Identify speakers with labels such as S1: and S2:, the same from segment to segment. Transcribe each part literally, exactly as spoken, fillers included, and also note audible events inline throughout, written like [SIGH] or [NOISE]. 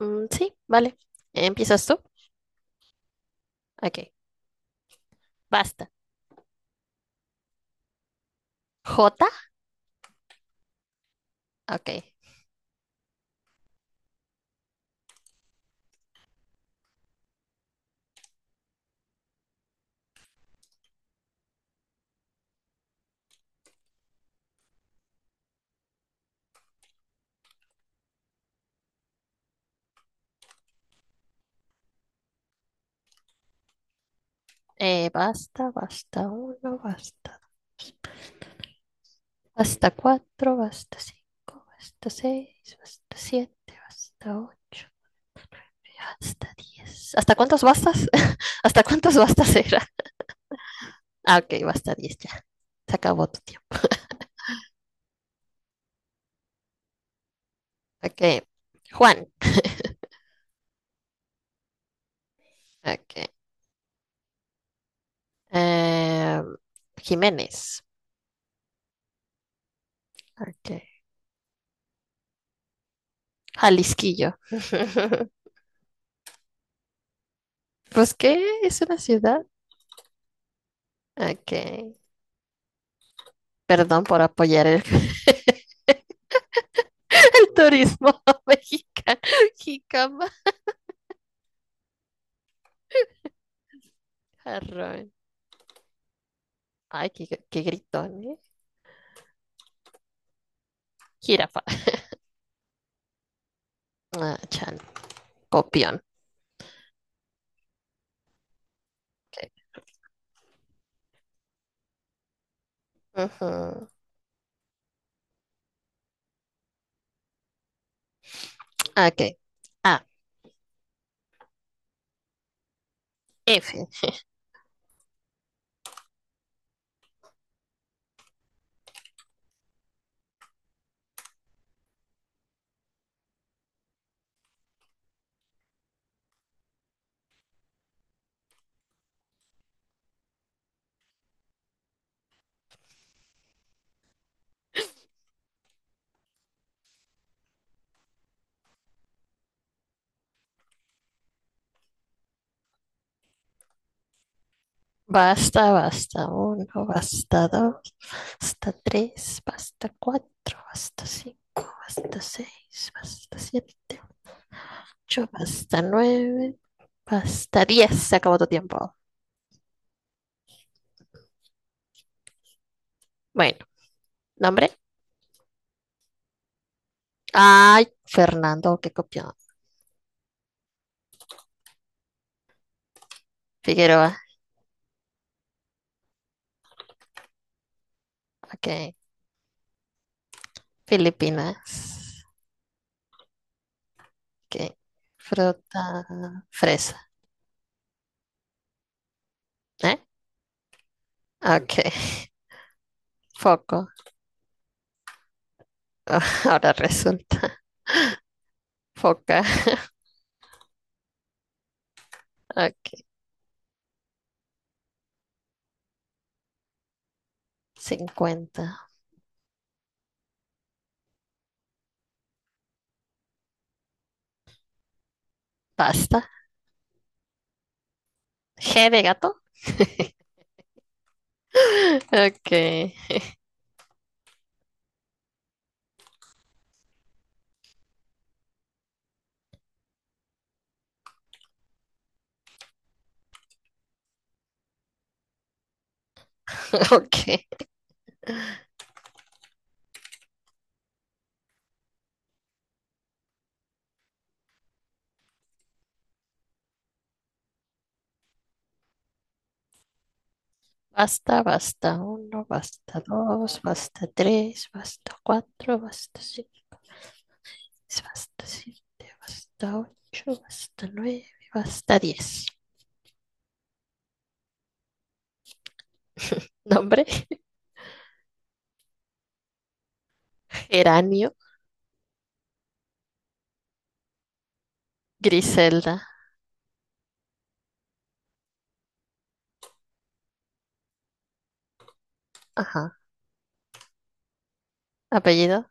S1: Mm, sí, vale. ¿Empiezas tú? Ok. Basta. ¿J? Ok. Eh, basta, basta uno, basta. Basta cuatro, basta cinco, basta seis, basta siete, basta ocho, hasta diez. ¿Hasta cuántos bastas? [LAUGHS] ¿Hasta cuántos bastas era? Ah, ok, basta diez ya. Se acabó tu tiempo. [LAUGHS] Ok. Juan. [LAUGHS] Ok. Eh, Jiménez. Ok. Jalisquillo. [LAUGHS] Pues, ¿qué? Es una ciudad. Ok. Perdón por apoyar el, [LAUGHS] el turismo [LAUGHS] mexicano. Jicama, jarrón. Ay, qué, qué gritón, ¿eh? Jirafa. Ah, chan. Copión. Ok. Ujú. Ok. A. F. Basta, basta uno, basta dos, basta tres, basta cuatro, basta cinco, basta seis, basta siete, ocho, basta nueve, basta diez. Se acabó tu tiempo. Bueno, nombre. Ay, Fernando, qué copión. Figueroa, ok. Filipinas, ok. Fruta, fresa, ¿eh? Ok. Foco, [LAUGHS] ahora resulta. Foca, ok. Cincuenta. Pasta. G de gato. [LAUGHS] Ok, [LAUGHS] ok. Basta, basta uno, basta dos, basta tres, basta cuatro, basta cinco, seis, basta siete, basta ocho, basta nueve, basta diez. [LAUGHS] Nombre, geranio, Griselda, ajá. Apellido,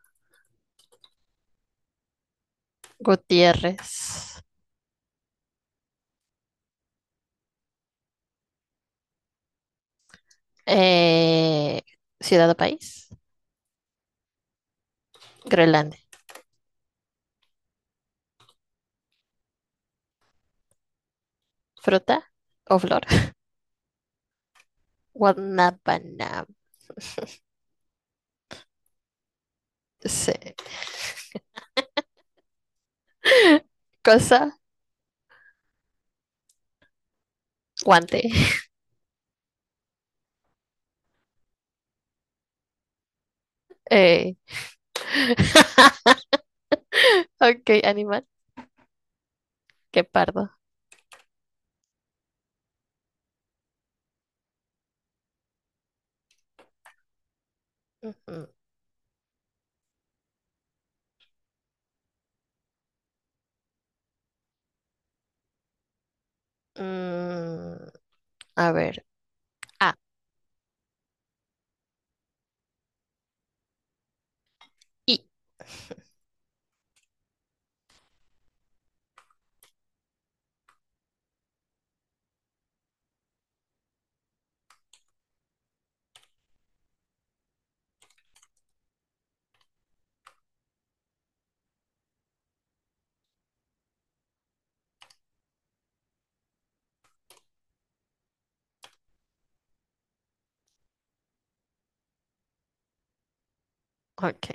S1: Gutiérrez. Eh, ciudad o país, Groenlandia. Fruta o flor, Guanabana. [LAUGHS] Sí. Cosa, guante. Eh. [LAUGHS] Ok, animal, que pardo. Ujú. Mm, a ver. Ah, y ok.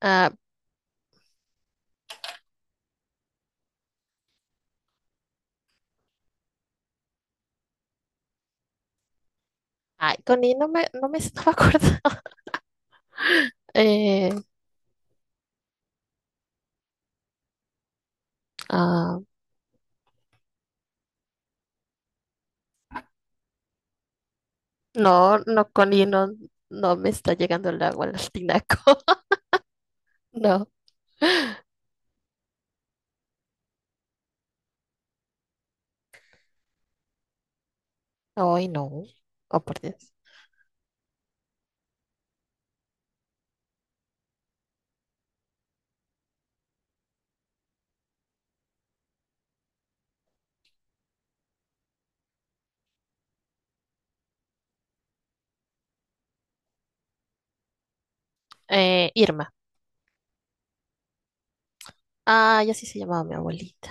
S1: Ah, ay, con I no me, no me estaba [LAUGHS] acordando. Eh, ah, no, no, con no, no me está llegando el agua al tinaco. [LAUGHS] No, hoy no. Oh, por Dios. Eh, Irma. Ah, ya sí se llamaba mi abuelita.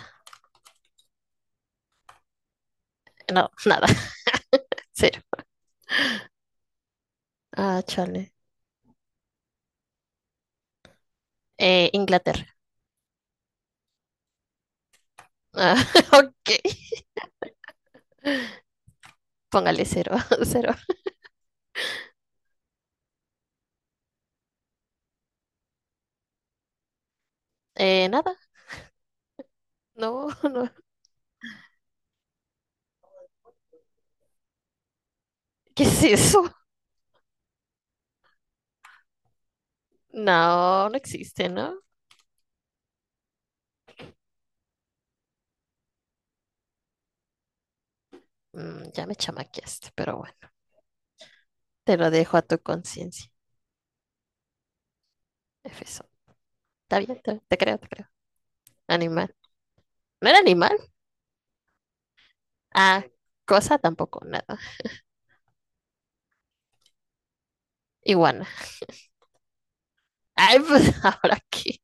S1: No, nada, [LAUGHS] cero. Ah, chale. Eh, Inglaterra. Ah, [LAUGHS] ok, póngale cero, [LAUGHS] cero. Eh, nada, no, [LAUGHS] no. ¿Qué es eso? No, no existe, ¿no? Mm, ya me chamaqueaste, pero bueno, te lo dejo a tu conciencia. Efeso. Está bien, está bien, te creo, te creo. Animal. ¿No era animal? Ah, cosa tampoco, nada. Iguana. Ay, [LAUGHS] pues ahora aquí.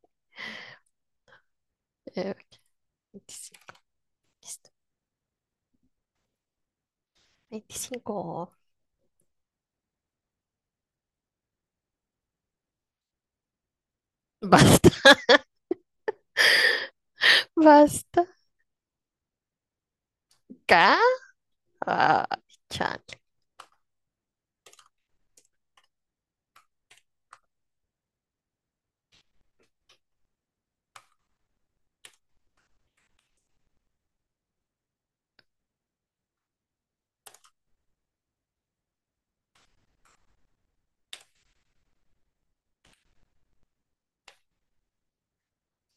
S1: Eh, veinticinco. Listo. veinticinco. [LAUGHS] Basta, basta. Acá. Ah, chale.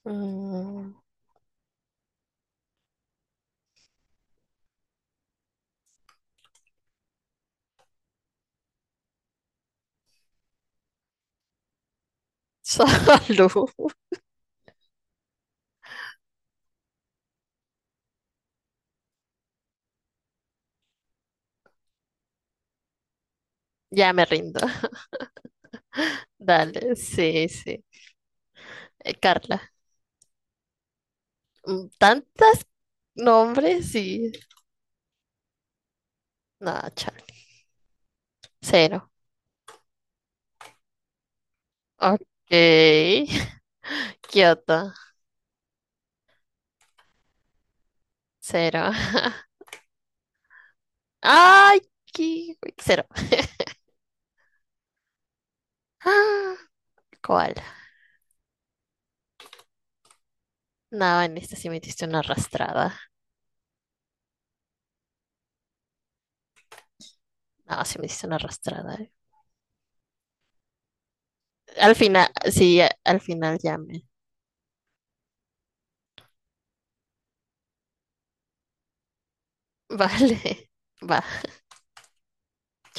S1: Mm, [LAUGHS] salud. Ya me rindo. Dale, sí, sí. Eh, Carla. Mm, tantas nombres y. No, chale. Cero. Ok. [LAUGHS] Kioto. Cero. [LAUGHS] ¡Ay! Qué- Cero. [LAUGHS] Ah, koala. No, en esta sí me diste una arrastrada. No, sí me diste una arrastrada, eh. Al final, sí, a- al final ya me. [LAUGHS] Vale, va.